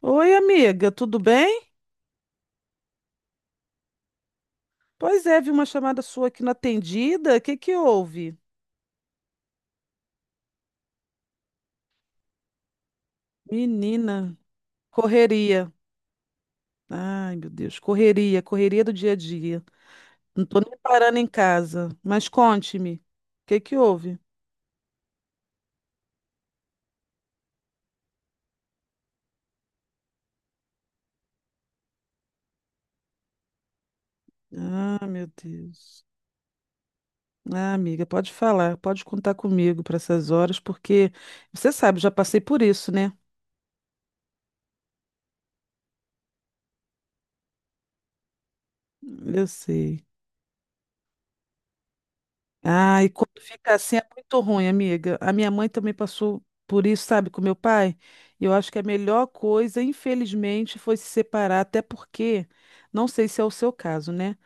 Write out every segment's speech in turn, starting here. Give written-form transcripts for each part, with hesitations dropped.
Oi, amiga, tudo bem? Pois é, vi uma chamada sua aqui na atendida. O que que houve? Menina, correria. Ai, meu Deus, correria, correria do dia a dia. Não tô nem parando em casa. Mas conte-me, o que que houve? Ah, meu Deus. Ah, amiga, pode falar, pode contar comigo para essas horas, porque você sabe, eu já passei por isso, né? Eu sei. Ah, e quando fica assim é muito ruim, amiga. A minha mãe também passou por isso, sabe, com meu pai. E eu acho que a melhor coisa, infelizmente, foi se separar, até porque, não sei se é o seu caso, né?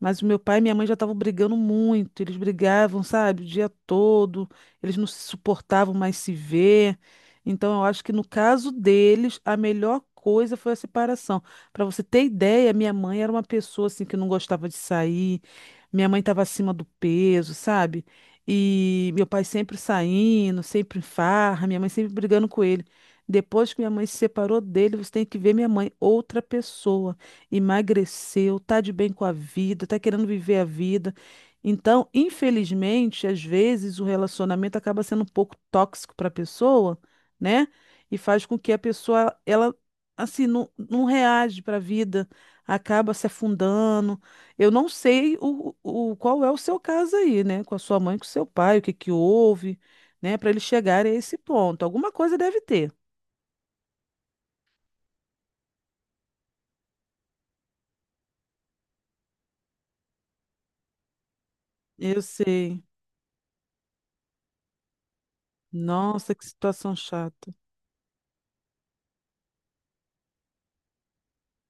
Mas o meu pai e minha mãe já estavam brigando muito. Eles brigavam, sabe, o dia todo. Eles não se suportavam mais se ver. Então, eu acho que no caso deles, a melhor coisa foi a separação. Para você ter ideia, minha mãe era uma pessoa assim que não gostava de sair, minha mãe estava acima do peso, sabe? E meu pai sempre saindo, sempre em farra, minha mãe sempre brigando com ele. Depois que minha mãe se separou dele, você tem que ver minha mãe, outra pessoa. Emagreceu, tá de bem com a vida, tá querendo viver a vida. Então, infelizmente, às vezes o relacionamento acaba sendo um pouco tóxico para a pessoa, né? E faz com que a pessoa, ela, assim, não, não reage para a vida, acaba se afundando. Eu não sei o qual é o seu caso aí, né? Com a sua mãe, com o seu pai, o que que houve, né? Para eles chegarem a esse ponto. Alguma coisa deve ter. Eu sei. Nossa, que situação chata.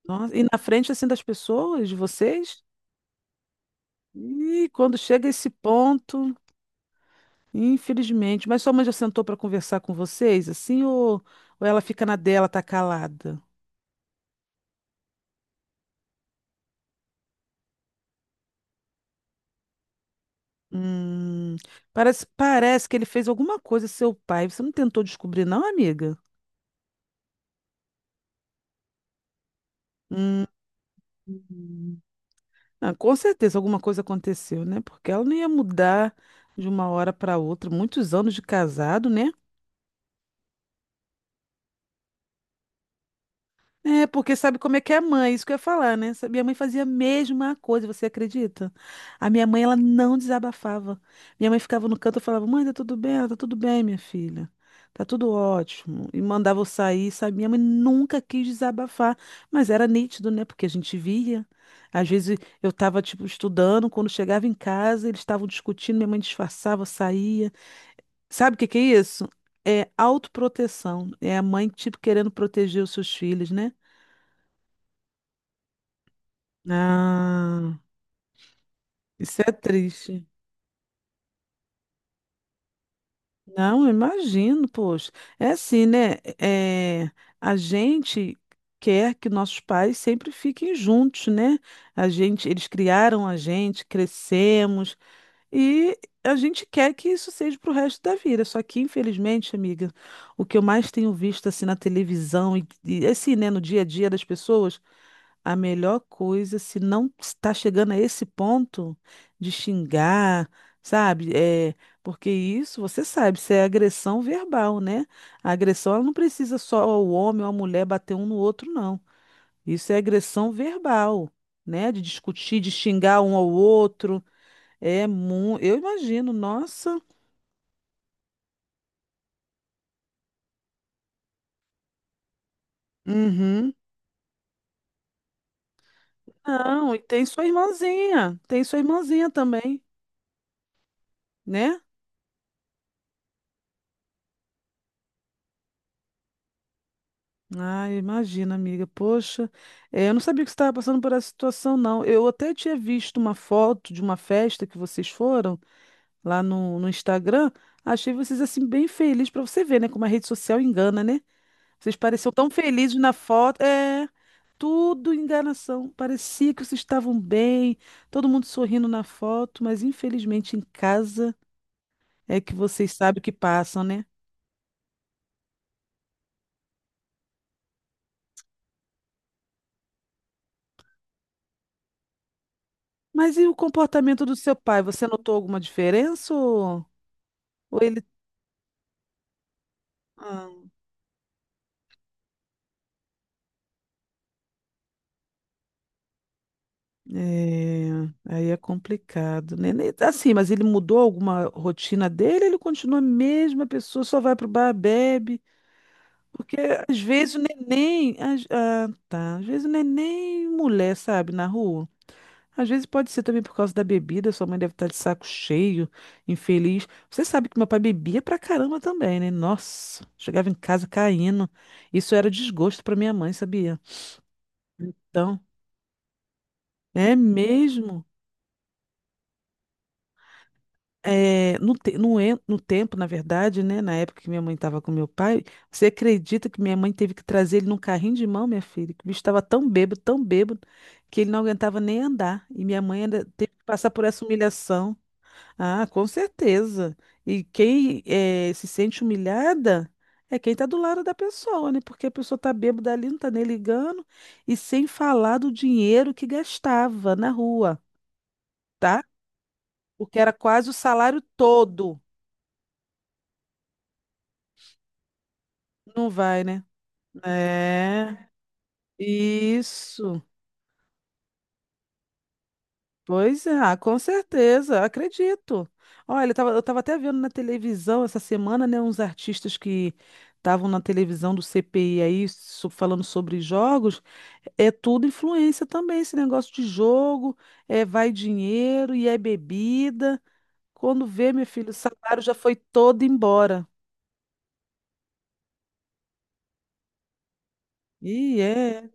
Nossa, e na frente assim das pessoas, de vocês? E quando chega a esse ponto, infelizmente. Mas sua mãe já sentou para conversar com vocês, assim, ou, ela fica na dela, tá calada? Hum, parece que ele fez alguma coisa, seu pai. Você não tentou descobrir, não, amiga? Hum. Ah, com certeza alguma coisa aconteceu, né? Porque ela não ia mudar de uma hora para outra, muitos anos de casado, né? É, porque sabe como é que é a mãe, isso que eu ia falar, né? Minha mãe fazia a mesma coisa, você acredita? A minha mãe, ela não desabafava. Minha mãe ficava no canto e falava: Mãe, tá tudo bem? Ela, Tá tudo bem, minha filha. Tá tudo ótimo. E mandava eu sair, sabe? Minha mãe nunca quis desabafar, mas era nítido, né? Porque a gente via. Às vezes eu tava, tipo, estudando, quando chegava em casa, eles estavam discutindo, minha mãe disfarçava, saía. Sabe o que que é isso? É autoproteção. É a mãe, tipo, querendo proteger os seus filhos, né? Ah, isso é triste. Não, eu imagino, poxa. É assim, né? É, a gente quer que nossos pais sempre fiquem juntos, né? A gente, eles criaram a gente, crescemos e a gente quer que isso seja para o resto da vida. Só que, infelizmente, amiga, o que eu mais tenho visto assim na televisão e assim, né, no dia a dia das pessoas. A melhor coisa, se não está chegando a esse ponto de xingar, sabe? É, porque isso, você sabe, isso é agressão verbal, né? A agressão, ela não precisa só o homem ou a mulher bater um no outro, não. Isso é agressão verbal, né? De discutir, de xingar um ao outro. Eu imagino, nossa. Uhum. Não, e tem sua irmãzinha também, né? Ah, imagina, amiga. Poxa, é, eu não sabia que você estava passando por essa situação, não. Eu até tinha visto uma foto de uma festa que vocês foram lá no Instagram. Achei vocês assim bem felizes para você ver, né? Como a rede social engana, né? Vocês pareciam tão felizes na foto. É, tudo enganação. Parecia que vocês estavam bem, todo mundo sorrindo na foto, mas infelizmente em casa é que vocês sabem o que passam, né? Mas e o comportamento do seu pai? Você notou alguma diferença ou... Ah, é, aí é complicado, né? Assim, mas ele mudou alguma rotina dele, ele continua a mesma pessoa, só vai pro bar, bebe. Porque às vezes o neném. Ah, tá. Às vezes o neném, mulher, sabe, na rua. Às vezes pode ser também por causa da bebida, sua mãe deve estar de saco cheio, infeliz. Você sabe que meu pai bebia pra caramba também, né? Nossa, chegava em casa caindo. Isso era desgosto pra minha mãe, sabia? Então, é mesmo. É, no tempo, na verdade, né? Na época que minha mãe estava com meu pai, você acredita que minha mãe teve que trazer ele num carrinho de mão, minha filha? Que o bicho estava tão bêbado, que ele não aguentava nem andar. E minha mãe ainda teve que passar por essa humilhação. Ah, com certeza. E quem se sente humilhada é quem está do lado da pessoa, né? Porque a pessoa está bêbada ali, não está nem ligando. E sem falar do dinheiro que gastava na rua, tá? Porque era quase o salário todo. Não vai, né? É. Isso. Pois é, ah, com certeza, acredito. Olha, eu tava até vendo na televisão essa semana, né, uns artistas que estavam na televisão do CPI aí, falando sobre jogos, é tudo influência também, esse negócio de jogo, é vai dinheiro e é bebida. Quando vê, meu filho, o salário já foi todo embora. E é,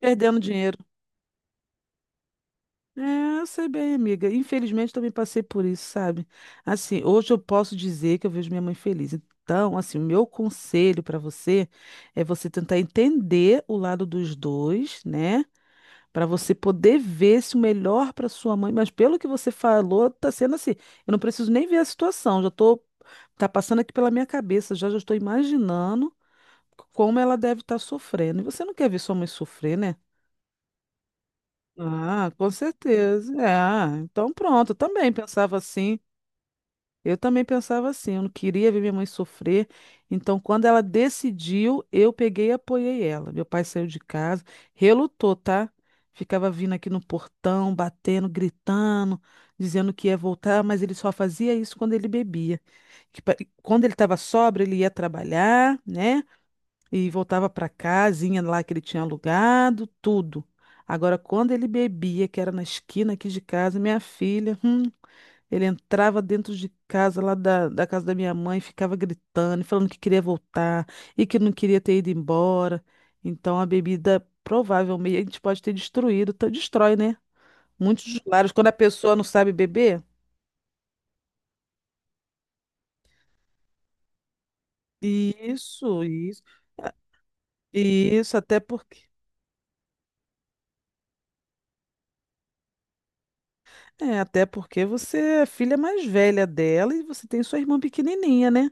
perdendo dinheiro. É, eu sei bem, amiga. Infelizmente também passei por isso, sabe? Assim, hoje eu posso dizer que eu vejo minha mãe feliz. Então, assim, o meu conselho para você é você tentar entender o lado dos dois, né? Para você poder ver se o melhor para sua mãe, mas pelo que você falou, tá sendo assim. Eu não preciso nem ver a situação, já tô tá passando aqui pela minha cabeça, já já estou imaginando como ela deve estar sofrendo. E você não quer ver sua mãe sofrer, né? Ah, com certeza. É, ah, então pronto, eu também pensava assim. Eu também pensava assim, eu não queria ver minha mãe sofrer. Então, quando ela decidiu, eu peguei e apoiei ela. Meu pai saiu de casa, relutou, tá? Ficava vindo aqui no portão, batendo, gritando, dizendo que ia voltar, mas ele só fazia isso quando ele bebia. Que pa- quando ele estava sóbrio, ele ia trabalhar, né? E voltava para casinha lá que ele tinha alugado, tudo. Agora, quando ele bebia, que era na esquina aqui de casa, minha filha, ele entrava dentro de casa, lá da casa da minha mãe, ficava gritando, e falando que queria voltar e que não queria ter ido embora. Então, a bebida provavelmente a gente pode ter destruído, destrói, né? Muitos dos lares, quando a pessoa não sabe beber. Isso, isso, isso, até porque. É, até porque você é filha mais velha dela e você tem sua irmã pequenininha, né?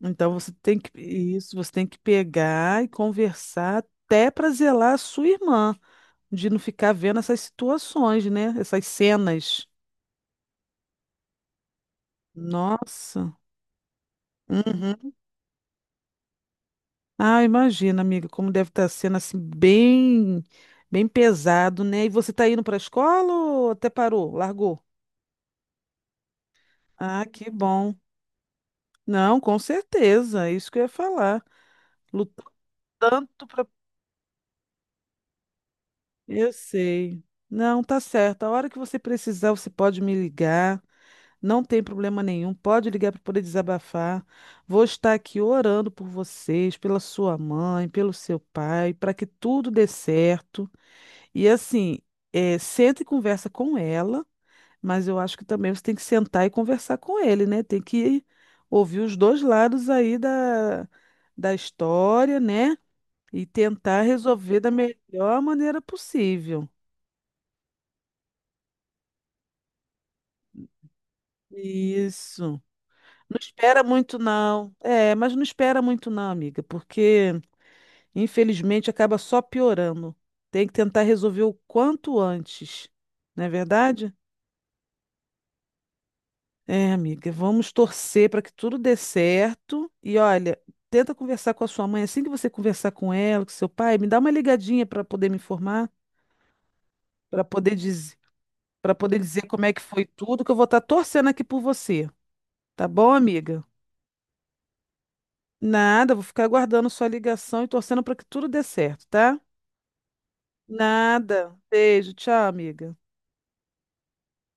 Então você tem que pegar e conversar até para zelar a sua irmã, de não ficar vendo essas situações, né? Essas cenas. Nossa. Uhum. Ah, imagina, amiga, como deve estar sendo assim bem, bem pesado, né? E você tá indo para a escola ou até parou, largou? Ah, que bom. Não, com certeza, é isso que eu ia falar. Lutando para Eu sei. Não, tá certo. A hora que você precisar, você pode me ligar. Não tem problema nenhum. Pode ligar para poder desabafar. Vou estar aqui orando por vocês, pela sua mãe, pelo seu pai, para que tudo dê certo. E assim, senta e conversa com ela, mas eu acho que também você tem que sentar e conversar com ele, né? Tem que ouvir os dois lados aí da história, né? E tentar resolver da melhor maneira possível. Isso. Não espera muito, não. É, mas não espera muito, não, amiga, porque infelizmente acaba só piorando. Tem que tentar resolver o quanto antes, não é verdade? É, amiga, vamos torcer para que tudo dê certo. E olha, tenta conversar com a sua mãe. Assim que você conversar com ela, com seu pai, me dá uma ligadinha para poder me informar, para poder dizer, para poder dizer como é que foi tudo, que eu vou estar torcendo aqui por você. Tá bom, amiga? Nada, vou ficar aguardando sua ligação e torcendo para que tudo dê certo, tá? Nada. Beijo, tchau, amiga.